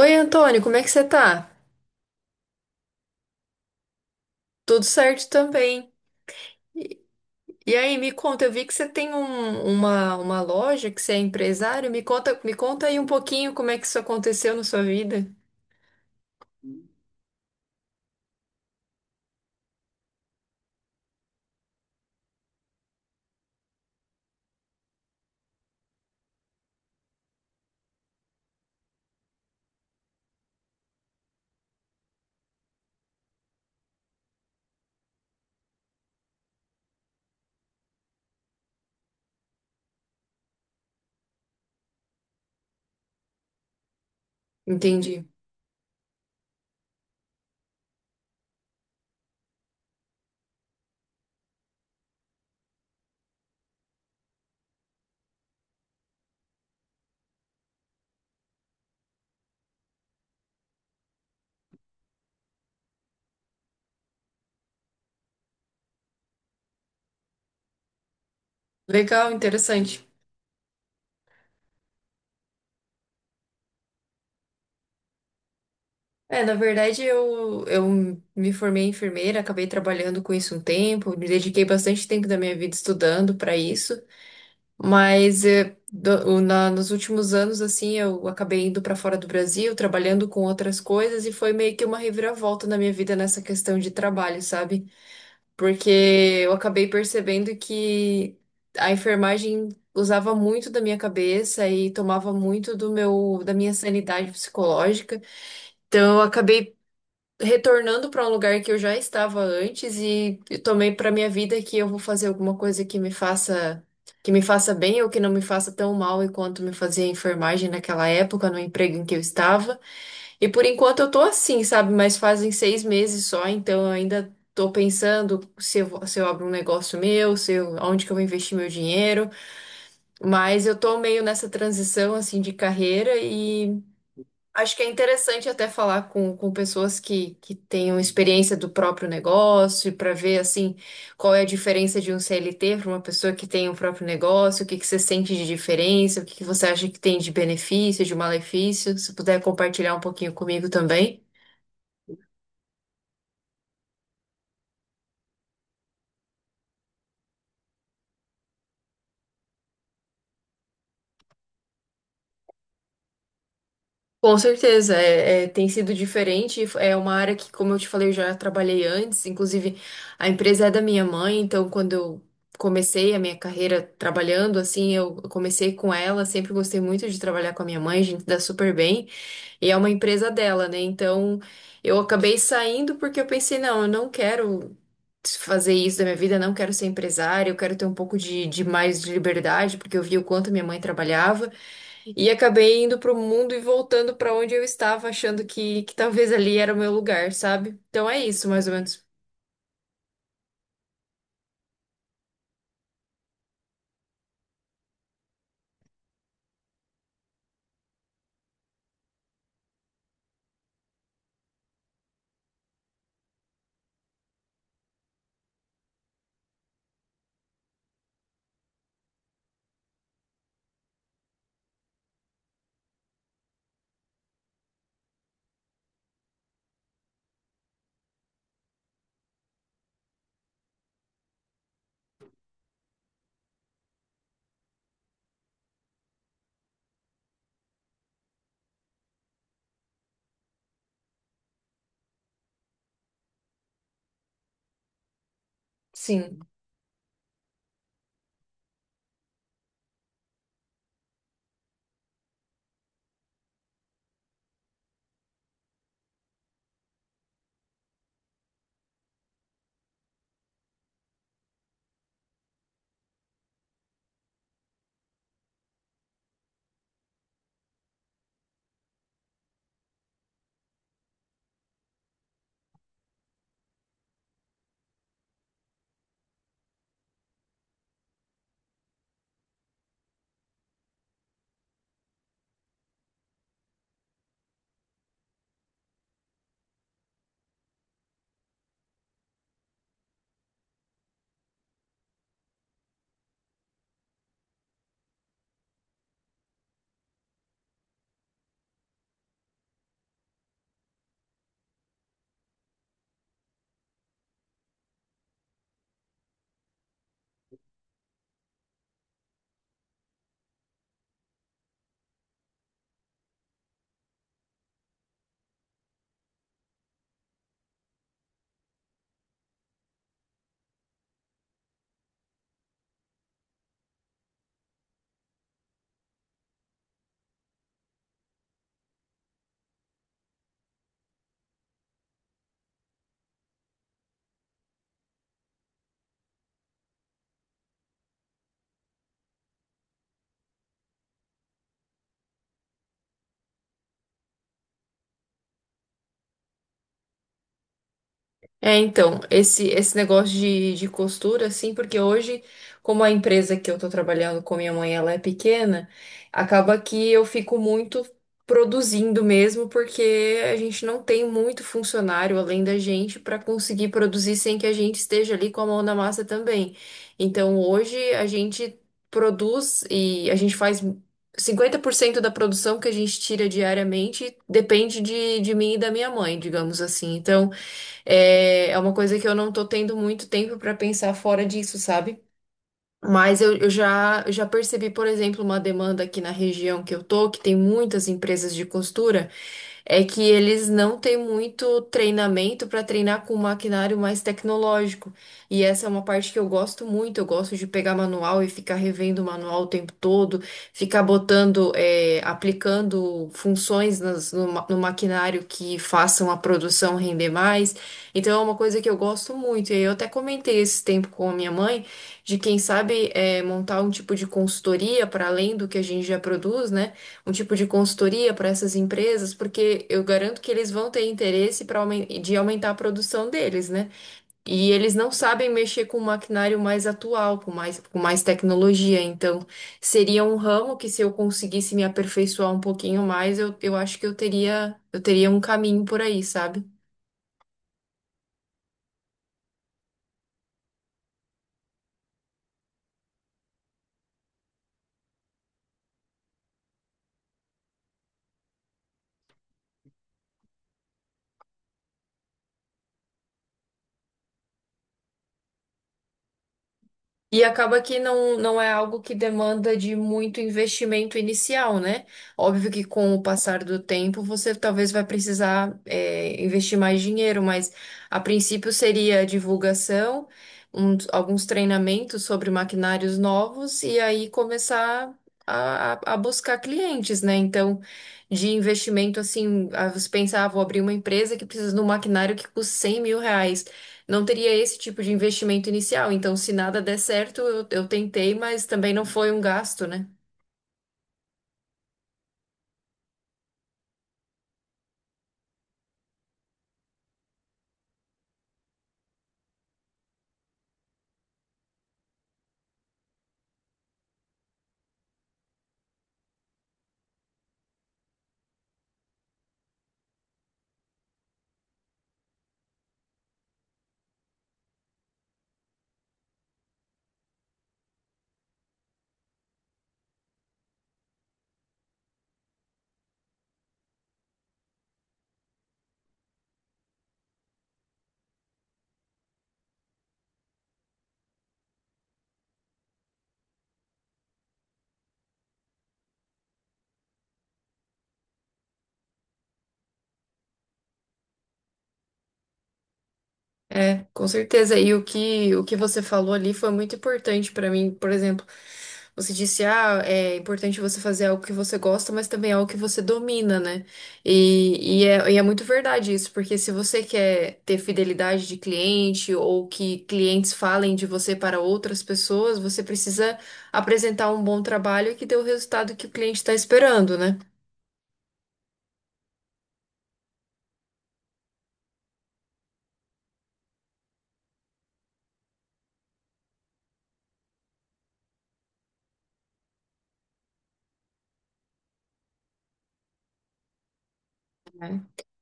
Oi, Antônio, como é que você tá? Tudo certo também. E aí, me conta, eu vi que você tem uma loja, que você é empresário. Me conta aí um pouquinho como é que isso aconteceu na sua vida. Entendi. Legal, interessante. É, na verdade, eu me formei em enfermeira, acabei trabalhando com isso um tempo, me dediquei bastante tempo da minha vida estudando para isso. Mas nos últimos anos, assim, eu acabei indo para fora do Brasil, trabalhando com outras coisas, e foi meio que uma reviravolta na minha vida nessa questão de trabalho, sabe? Porque eu acabei percebendo que a enfermagem usava muito da minha cabeça e tomava muito da minha sanidade psicológica. Então, eu acabei retornando para um lugar que eu já estava antes e eu tomei para minha vida que eu vou fazer alguma coisa que me faça bem ou que não me faça tão mal e quanto me fazia a enfermagem naquela época, no emprego em que eu estava. E por enquanto eu tô assim, sabe? Mas fazem seis meses só, então eu ainda tô pensando se eu abro um negócio meu, se eu, onde que eu vou investir meu dinheiro. Mas eu tô meio nessa transição assim de carreira. Acho que é interessante até falar com pessoas que tenham experiência do próprio negócio para ver assim qual é a diferença de um CLT para uma pessoa que tem o próprio negócio, o que que você sente de diferença, o que que você acha que tem de benefício, de malefício. Se puder compartilhar um pouquinho comigo também. Com certeza, tem sido diferente. É uma área que, como eu te falei, eu já trabalhei antes. Inclusive, a empresa é da minha mãe, então quando eu comecei a minha carreira trabalhando, assim, eu comecei com ela. Sempre gostei muito de trabalhar com a minha mãe, a gente dá super bem. E é uma empresa dela, né? Então, eu acabei saindo porque eu pensei, não, eu não quero fazer isso da minha vida, não quero ser empresária, eu quero ter um pouco de mais de liberdade, porque eu vi o quanto minha mãe trabalhava. E acabei indo pro mundo e voltando pra onde eu estava, achando que talvez ali era o meu lugar, sabe? Então é isso, mais ou menos. Sim. É, então, esse negócio de costura, assim, porque hoje, como a empresa que eu tô trabalhando com minha mãe, ela é pequena, acaba que eu fico muito produzindo mesmo, porque a gente não tem muito funcionário além da gente para conseguir produzir sem que a gente esteja ali com a mão na massa também. Então, hoje a gente produz e a gente faz 50% da produção que a gente tira diariamente depende de mim e da minha mãe, digamos assim. Então, é uma coisa que eu não tô tendo muito tempo pra pensar fora disso, sabe? Mas eu já percebi, por exemplo, uma demanda aqui na região que eu tô, que tem muitas empresas de costura é que eles não têm muito treinamento para treinar com um maquinário mais tecnológico. E essa é uma parte que eu gosto muito. Eu gosto de pegar manual e ficar revendo o manual o tempo todo, ficar botando, aplicando funções no maquinário que façam a produção render mais. Então é uma coisa que eu gosto muito. E eu até comentei esse tempo com a minha mãe de quem sabe montar um tipo de consultoria para além do que a gente já produz, né? Um tipo de consultoria para essas empresas, porque eu garanto que eles vão ter interesse para de aumentar a produção deles, né? E eles não sabem mexer com um maquinário mais atual, com mais tecnologia. Então, seria um ramo que se eu conseguisse me aperfeiçoar um pouquinho mais, eu acho que eu teria um caminho por aí, sabe? E acaba que não é algo que demanda de muito investimento inicial, né? Óbvio que com o passar do tempo você talvez vai precisar, investir mais dinheiro, mas a princípio seria divulgação, alguns treinamentos sobre maquinários novos e aí começar a buscar clientes, né? Então, de investimento assim, ah, você pensa, ah, vou abrir uma empresa que precisa de um maquinário que custe R$ 100.000, não teria esse tipo de investimento inicial. Então, se nada der certo, eu tentei, mas também não foi um gasto, né? É, com certeza. E o que você falou ali foi muito importante para mim. Por exemplo, você disse, ah, é importante você fazer algo que você gosta, mas também é algo que você domina, né? E é muito verdade isso, porque se você quer ter fidelidade de cliente ou que clientes falem de você para outras pessoas, você precisa apresentar um bom trabalho que dê o resultado que o cliente está esperando, né?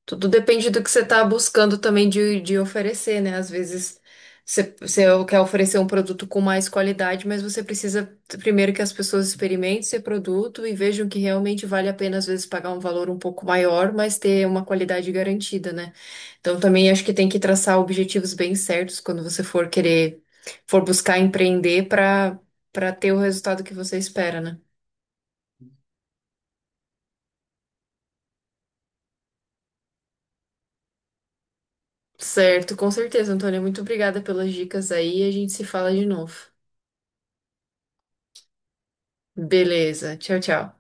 Tudo depende do que você está buscando também de oferecer, né? Às vezes você quer oferecer um produto com mais qualidade, mas você precisa primeiro que as pessoas experimentem esse produto e vejam que realmente vale a pena, às vezes, pagar um valor um pouco maior, mas ter uma qualidade garantida, né? Então também acho que tem que traçar objetivos bem certos quando você for querer, for buscar empreender para ter o resultado que você espera, né? Certo, com certeza, Antônia. Muito obrigada pelas dicas aí. E a gente se fala de novo. Beleza. Tchau, tchau.